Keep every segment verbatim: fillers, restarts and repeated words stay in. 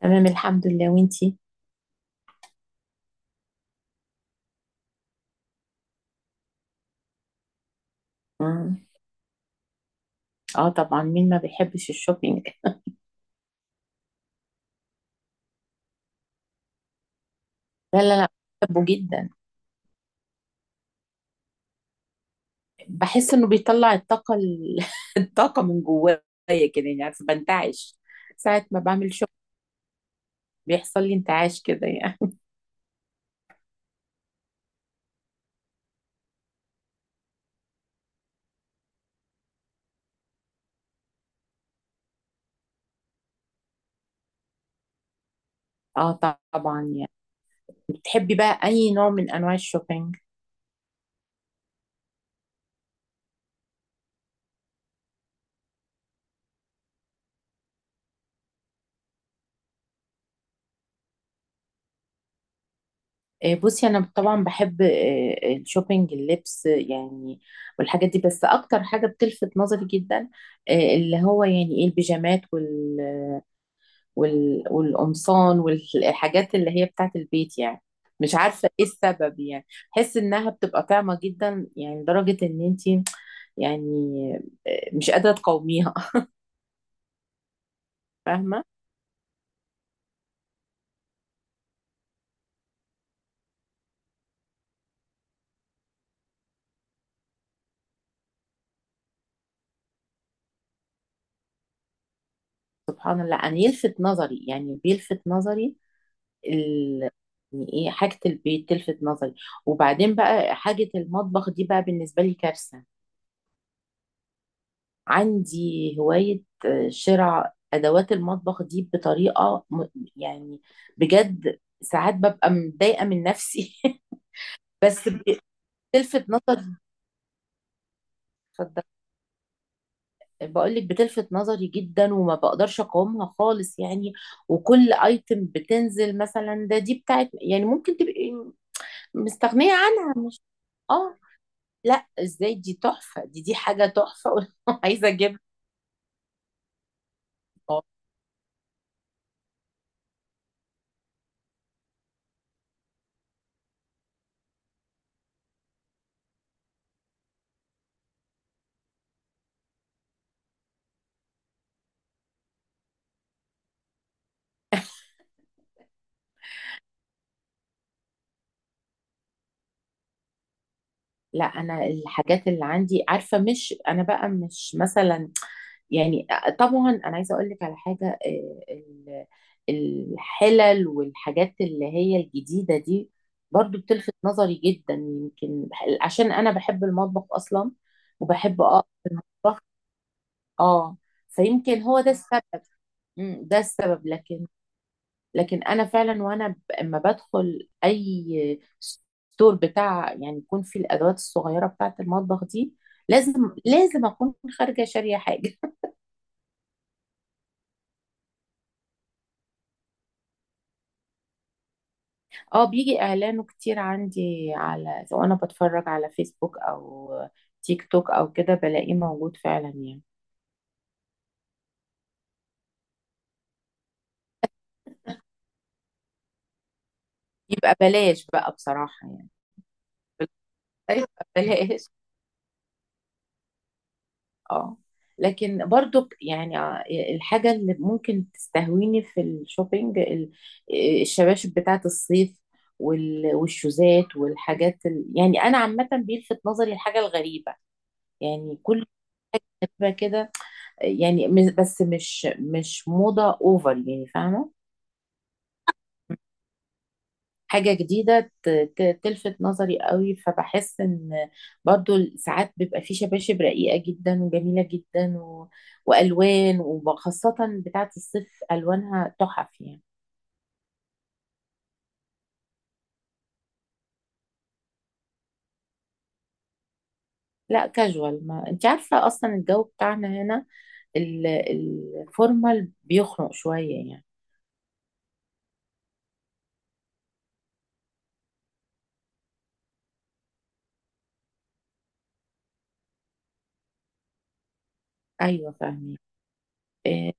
تمام الحمد لله وانتي مم. اه طبعا مين ما بيحبش الشوبينج؟ لا لا لا بحبه جدا. بحس انه بيطلع الطاقة ال- الطاقة من جوايا كده، يعني عارفة بنتعش ساعة ما بعمل شوبينج. بيحصل لي انتعاش كده يعني. اه طبعا يعني. بتحبي بقى اي نوع من انواع الشوبينج؟ آه، بصي، انا طبعا بحب، آه، الشوبينج اللبس يعني والحاجات دي. بس اكتر حاجة بتلفت نظري جدا، آه، اللي هو يعني ايه، البيجامات وال... والقمصان والحاجات اللي هي بتاعت البيت يعني. مش عارفة ايه السبب يعني. بحس انها بتبقى طعمة جدا، يعني لدرجة ان انتي يعني آه، مش قادرة تقاوميها. فاهمة. سبحان الله، انا يلفت نظري يعني بيلفت نظري ال... يعني ايه، حاجة البيت تلفت نظري. وبعدين بقى، حاجة المطبخ دي بقى بالنسبة لي كارثة. عندي هواية آه، شراء أدوات المطبخ دي بطريقة م- يعني، بجد ساعات ببقى متضايقة من نفسي. بس بتلفت نظري. اتفضل. بقولك بتلفت نظري جدا وما بقدرش أقاومها خالص يعني. وكل ايتم بتنزل مثلا، ده دي بتاعت يعني، ممكن تبقي مستغنية عنها، مش. اه. لا ازاي، دي تحفة، دي دي حاجة تحفة. عايزة اجيبها. لا، انا الحاجات اللي عندي، عارفه مش انا بقى مش مثلا، يعني، طبعا انا عايزه اقول لك على حاجه، آه، ال- الحلل والحاجات اللي هي الجديده دي برضو بتلفت نظري جدا. يمكن عشان انا بحب المطبخ اصلا وبحب اقف في المطبخ. اه، فيمكن هو ده السبب. مم، ده السبب. لكن لكن انا فعلا، وانا ب- اما بدخل اي ستور بتاع يعني يكون فيه الادوات الصغيره بتاعه المطبخ دي، لازم لازم اكون خارجه شاريه حاجه. اه، بيجي اعلانه كتير عندي، على سواء انا بتفرج على فيسبوك او تيك توك او كده، بلاقيه موجود فعلا يعني. يبقى بلاش بقى بصراحه يعني. يبقى بلاش. اه. لكن برضو يعني، ع- الحاجة اللي ممكن تستهويني في الشوبينج، ال- آه، الشباشب بتاعة الصيف وال- والشوزات والحاجات ال... يعني أنا عامة بيلفت نظري الحاجة الغريبة. يعني كل ما كده، يعني، م- بس مش مش موضة أوفر يعني، فاهمة. حاجة جديدة ت- ت- تلفت نظري قوي، فبحس ان، برضو ساعات بيبقى في شباشب رقيقة جدا وجميلة جدا، و... والوان، وخاصة بتاعة الصيف الوانها تحف يعني. لا كاجوال، ما انت عارفة اصلا الجو بتاعنا هنا، ال- الفورمال بيخنق شوية يعني. ايوه فاهمين. إيه،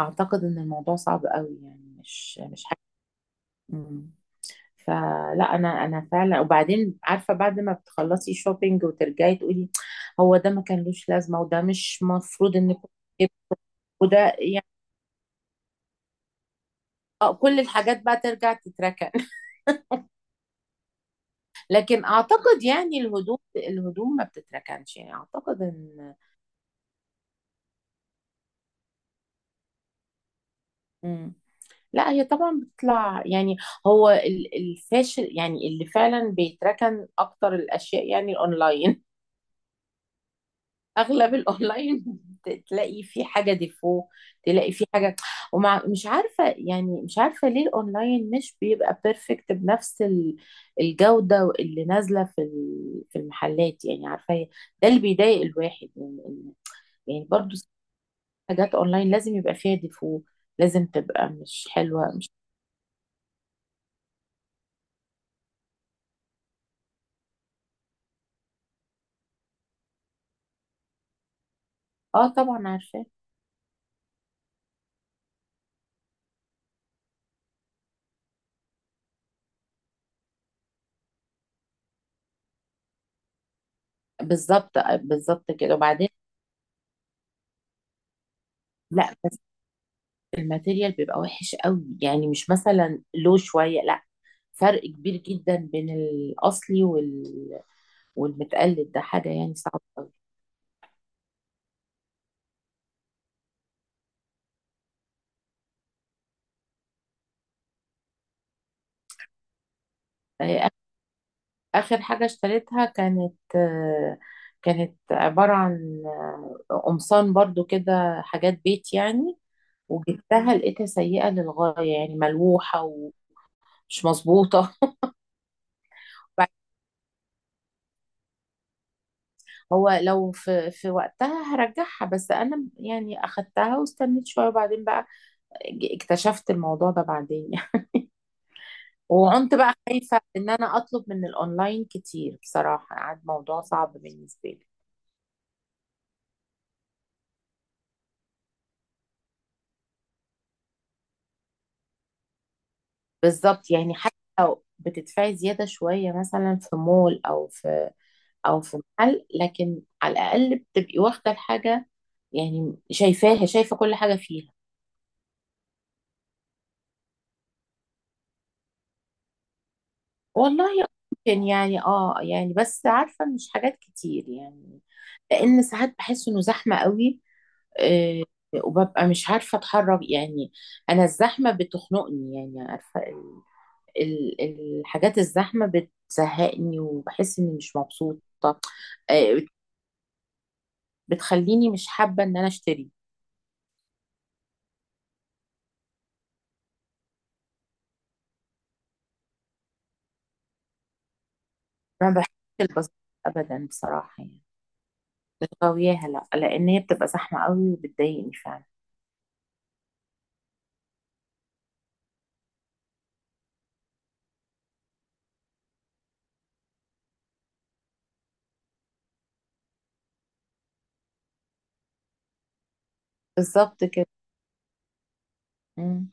اعتقد ان الموضوع صعب قوي يعني، مش مش حاجة. مم. فلا، انا انا فعلا، وبعدين عارفه، بعد ما بتخلصي شوبينج وترجعي تقولي، هو ده ما كانلوش لازمه، وده مش مفروض ان كنت أجيبه، وده يعني آه، كل الحاجات بقى ترجع تتركن. لكن اعتقد يعني، الهدوم الهدوم ما بتتركنش، يعني اعتقد ان، مم. لا، هي طبعا بتطلع يعني. هو ال- الفاشل يعني، اللي فعلا بيتركن اكتر الاشياء، يعني الاونلاين، اغلب الاونلاين. تلاقي في حاجه ديفو، تلاقي في حاجه، ومع مش عارفه يعني، مش عارفه ليه الاونلاين مش بيبقى بيرفكت بنفس ال- الجوده اللي نازله في ال- في المحلات يعني، عارفه هي- ده اللي بيضايق الواحد، يعني إن- يعني برضو، حاجات اونلاين لازم يبقى فيها ديفو، لازم تبقى مش حلوه، مش. اه طبعا عارفه. بالظبط بالظبط كده. وبعدين لا بس الماتيريال بيبقى وحش قوي، يعني مش مثلا لو شويه، لا، فرق كبير جدا بين الأصلي وال... والمتقلد، ده حاجة يعني صعبة أوي. آه، آخر حاجة اشتريتها كانت، آه، كانت عبارة عن، آه، قمصان برضو كده، حاجات بيت يعني. وجبتها لقيتها سيئة للغاية، يعني ملوحة ومش مظبوطة. هو لو في في وقتها هرجعها، بس أنا يعني أخدتها واستنيت شوية، وبعدين بقى اكتشفت الموضوع ده بعدين. وكنت بقى خايفة ان انا اطلب من الاونلاين كتير بصراحة، قعد موضوع صعب بالنسبة لي. بالظبط، يعني حتى لو بتدفعي زيادة شوية مثلا في مول او في او في محل، لكن على الاقل بتبقي واخدة الحاجة، يعني شايفاها، شايفة كل حاجة فيها. والله، ممكن يعني اه يعني، بس عارفة مش حاجات كتير يعني، لان ساعات بحس انه زحمة قوي. آه، وببقى مش عارفة اتحرك يعني، انا الزحمة بتخنقني يعني، عارفة، ال- الحاجات الزحمة بتزهقني، وبحس اني مش مبسوطة. آه، بتخليني مش حابة ان انا اشتري. ما بحبش البساطة ابدا بصراحة يعني، مش غاوياها، لا، لان هي بتبقى زحمة قوي وبتضايقني فعلا. بالظبط كده. مم.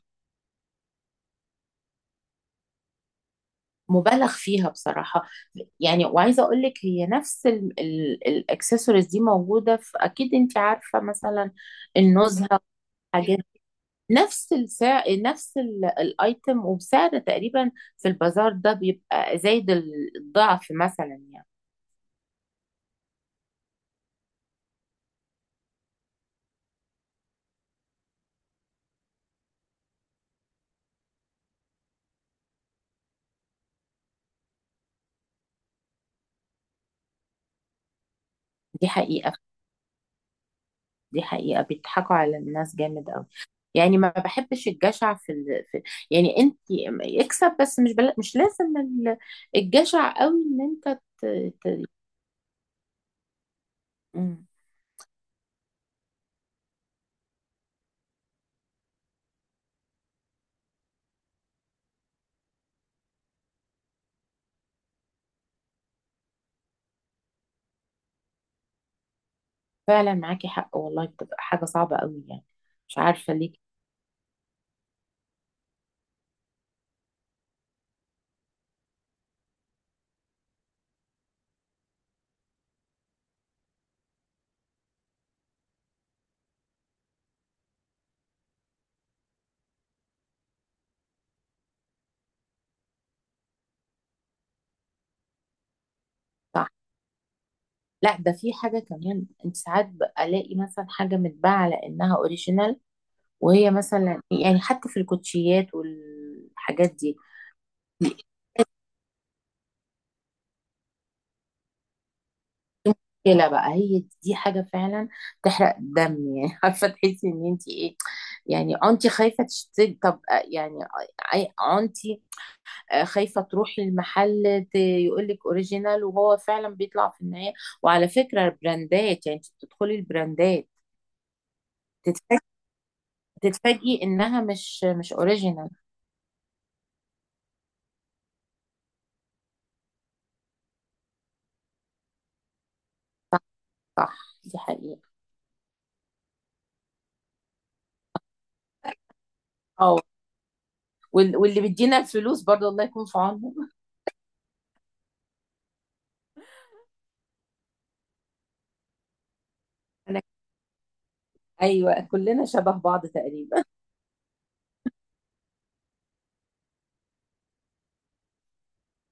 مبالغ فيها بصراحة يعني. وعايزة اقول لك، هي نفس الاكسسوارز دي موجودة في، اكيد انت عارفة مثلا النزهة والحاجات، نفس السعر، نفس الايتم وسعر تقريبا، في البازار ده بيبقى زايد الضعف مثلا يعني. دي حقيقة، دي حقيقة، بيضحكوا على الناس جامد قوي، يعني ما بحبش الجشع في، ال... في يعني، انت اكسب بس، مش بل... مش لازم ال- الجشع قوي ان انت ت... ت... مم. فعلا معاكي حق والله، بتبقى حاجة صعبة قوي يعني، مش عارفة ليه. صح. لا، ده في حاجة كمان، انت ساعات بقى الاقي مثلا حاجة متباعة على انها اوريجينال، وهي مثلا يعني، حتى في الكوتشيات والحاجات دي، دي مشكلة بقى، هي دي حاجة فعلا تحرق الدم يعني. عارفة، تحسي ان انت ايه، يعني انت خايفة تشتري. طب آه، يعني، انت خايفة تروحي المحل يقول لك اوريجينال، وهو فعلا بيطلع في النهاية. وعلى فكرة، البراندات، يعني انت بتدخلي البراندات تتفاجئي، تتفاجئي انها مش مش اوريجينال. صح، دي حقيقة. اه، وال- واللي بيدينا الفلوس برضه الله يكون في عونهم. ايوه، كلنا شبه بعض تقريبا.